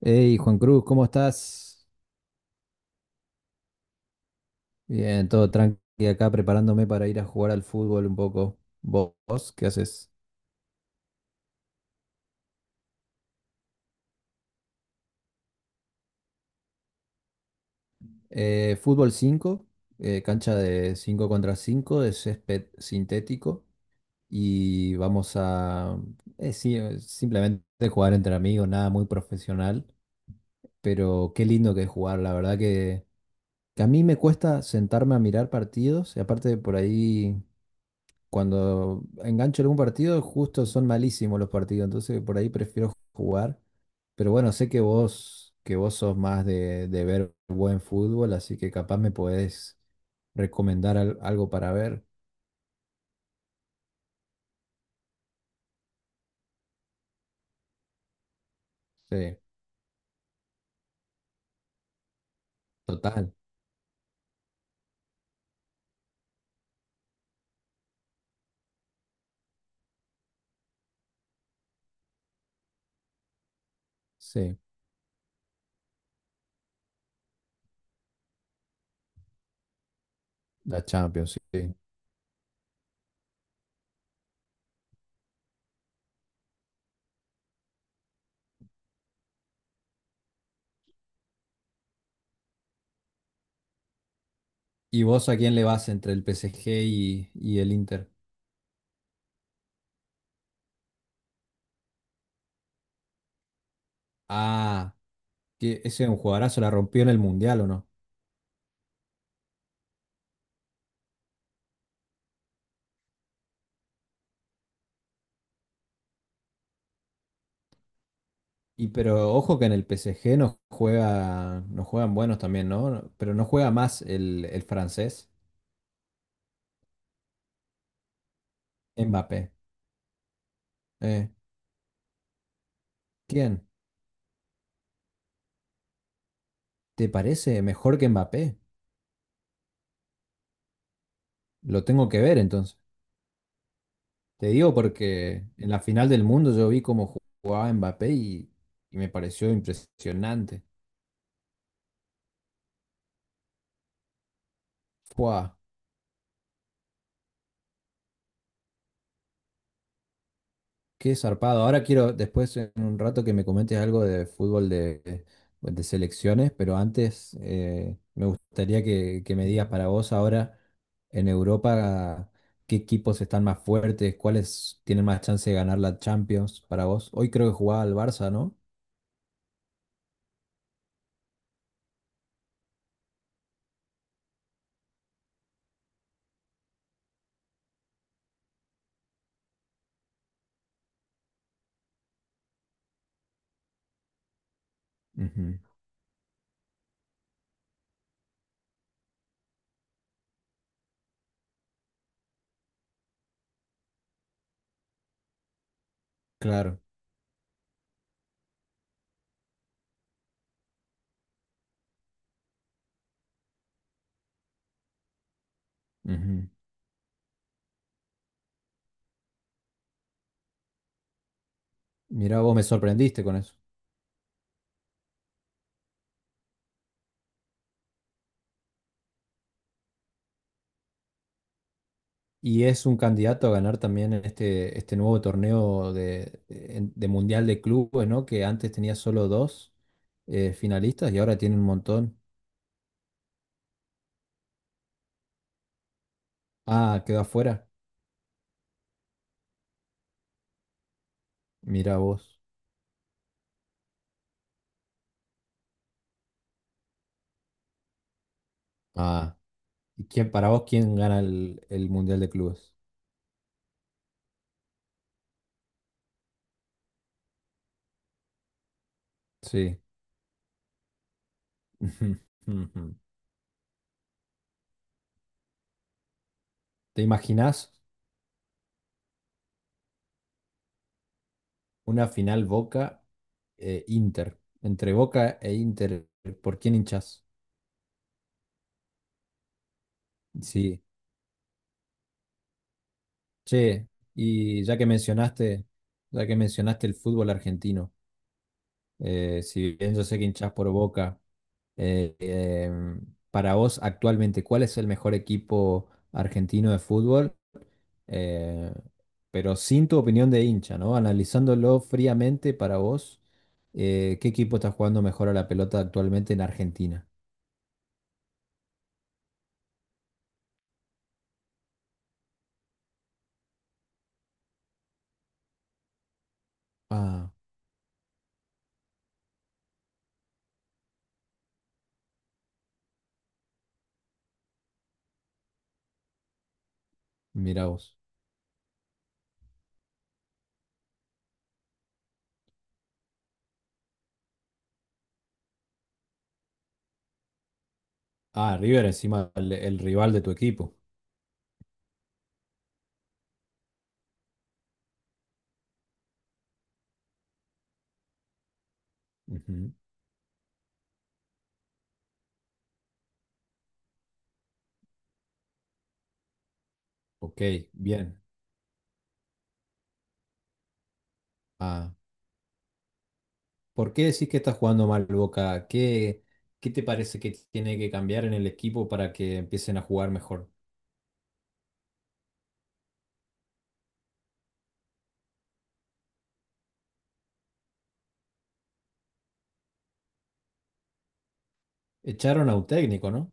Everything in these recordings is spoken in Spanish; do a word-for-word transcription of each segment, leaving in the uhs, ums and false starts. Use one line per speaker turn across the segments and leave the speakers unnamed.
Hey, Juan Cruz, ¿cómo estás? Bien, todo tranqui acá preparándome para ir a jugar al fútbol un poco. ¿Vos vos ¿qué haces? Eh, fútbol cinco, eh, cancha de cinco contra cinco de césped sintético. Y vamos a, eh, sí, eh, simplemente jugar entre amigos, nada muy profesional. Pero qué lindo que es jugar, la verdad que, que a mí me cuesta sentarme a mirar partidos. Y aparte por ahí, cuando engancho algún partido, justo son malísimos los partidos, entonces por ahí prefiero jugar. Pero bueno, sé que vos, que vos sos más de, de ver buen fútbol, así que capaz me podés recomendar al- algo para ver. Sí, total. Sí, la Champions, sí. ¿Y vos a quién le vas entre el P S G y, y el Inter? Ah, que ese es un jugadorazo, la rompió en el Mundial, ¿o no? Y pero ojo que en el P S G nos juega, nos juegan buenos también, ¿no? No, pero no juega más el, el francés, Mbappé. Eh, ¿quién? ¿Te parece mejor que Mbappé? Lo tengo que ver entonces. Te digo porque en la final del mundo yo vi cómo jugaba Mbappé y, y me pareció impresionante. Fua. Qué zarpado. Ahora quiero, después en un rato, que me comentes algo de fútbol de, de selecciones, pero antes eh, me gustaría que, que me digas para vos ahora en Europa qué equipos están más fuertes, cuáles tienen más chance de ganar la Champions para vos. Hoy creo que jugaba al Barça, ¿no? Ujú, claro. Ujú. Mirá, vos me sorprendiste con eso. Y es un candidato a ganar también en este, este nuevo torneo de, de de Mundial de Clubes, ¿no? Que antes tenía solo dos, eh, finalistas y ahora tiene un montón. Ah, quedó afuera. Mira vos. Ah, ¿y quién, para vos, quién gana el, el Mundial de Clubes? Sí. Ujú, ujú. ¿Te imaginás una final Boca-Inter? Entre Boca e Inter, ¿por quién hinchás? Sí. Che, y ya que mencionaste, ya que mencionaste el fútbol argentino, eh, si bien yo sé que hinchás por Boca, Eh, em, para vos, actualmente, ¿cuál es el mejor equipo argentino de fútbol? Eh, pero sin tu opinión de hincha, ¿no? Analizándolo fríamente para vos, eh, ¿qué equipo está jugando mejor a la pelota actualmente en Argentina? Ah, mira vos. Ah, River encima, el, el rival de tu equipo. Ujú. Ok, bien. Ah, ¿por qué decís que está jugando mal Boca? ¿Qué, ¿qué te parece que tiene que cambiar en el equipo para que empiecen a jugar mejor? Echaron a un técnico, ¿no?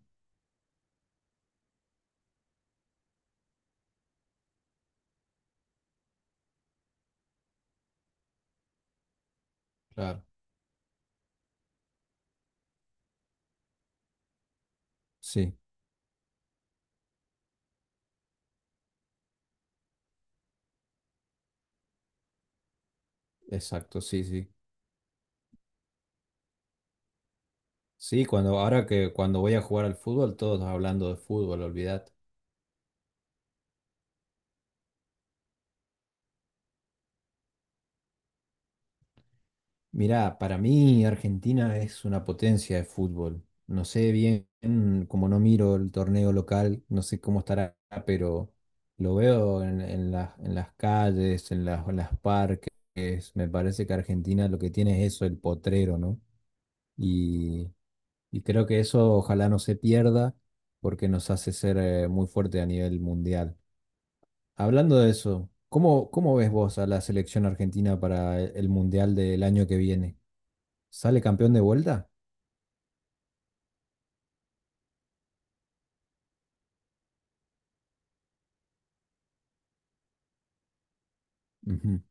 Claro, sí, exacto, sí, sí. Sí, cuando, ahora que cuando voy a jugar al fútbol, todos hablando de fútbol, olvidad. Mirá, para mí Argentina es una potencia de fútbol. No sé bien, como no miro el torneo local, no sé cómo estará, pero lo veo en, en las, en las calles, en las, en las parques. Me parece que Argentina lo que tiene es eso, el potrero, ¿no? y, y creo que eso ojalá no se pierda porque nos hace ser eh, muy fuerte a nivel mundial. Hablando de eso, ¿cómo, ¿cómo ves vos a la selección argentina para e- el mundial del año que viene? ¿Sale campeón de vuelta? Ujú.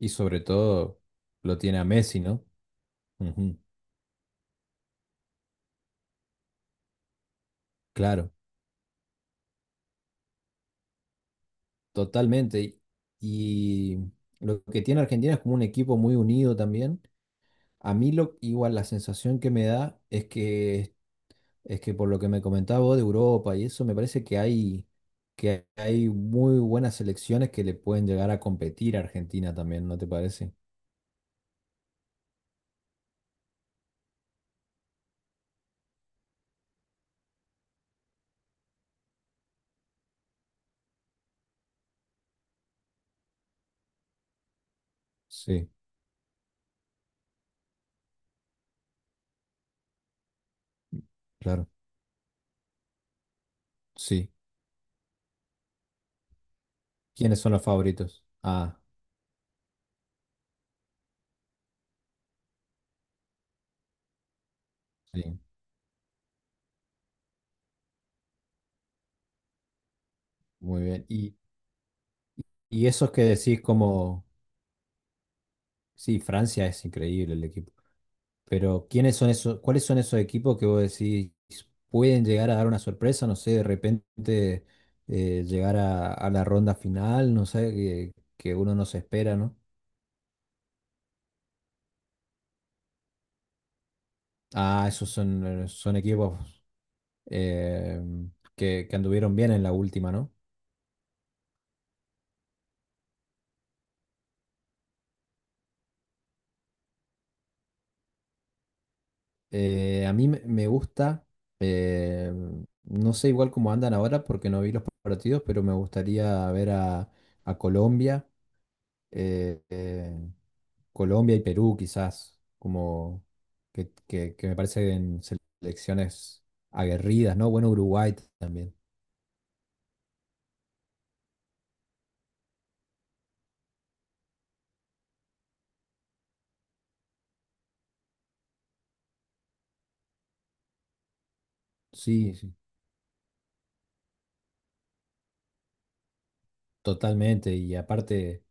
Y sobre todo lo tiene a Messi, ¿no? Ujú. Claro, totalmente. Y y lo que tiene Argentina es como un equipo muy unido también. A mí lo, igual la sensación que me da es que es que por lo que me comentaba vos de Europa y eso, me parece que hay, que hay muy buenas selecciones que le pueden llegar a competir a Argentina también, ¿no te parece? Sí, claro, sí. ¿Quiénes son los favoritos? Ah, sí, muy bien. Y, y esos que decís como, sí, Francia es increíble el equipo, pero ¿quiénes son esos, cuáles son esos equipos que vos decís pueden llegar a dar una sorpresa? No sé, de repente eh, llegar a, a la ronda final, no sé, que, que uno no se espera, ¿no? Ah, esos son, eh, son equipos eh, que, que anduvieron bien en la última, ¿no? Eh, a mí me me gusta, eh, no sé igual cómo andan ahora porque no vi los partidos, pero me gustaría ver a, a Colombia, eh, eh, Colombia y Perú quizás, como que, que, que me parecen selecciones aguerridas, ¿no? Bueno, Uruguay también, sí, sí, totalmente, y aparte...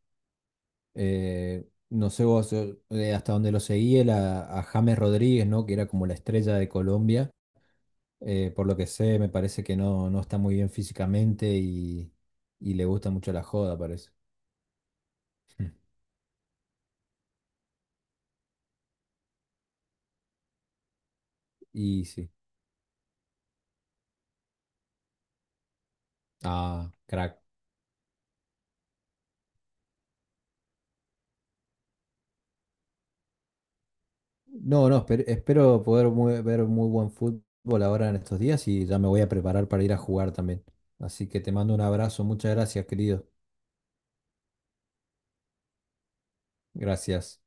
Eh, no sé vos eh, eh, hasta dónde lo seguí, él a, a James Rodríguez, ¿no? Que era como la estrella de Colombia. Eh, por lo que sé, me parece que no, no está muy bien físicamente y, y le gusta mucho la joda, parece. Y sí. Ah, crack. No, no, esper- espero poder mu- ver muy buen fútbol ahora en estos días y ya me voy a preparar para ir a jugar también. Así que te mando un abrazo. Muchas gracias, querido. Gracias.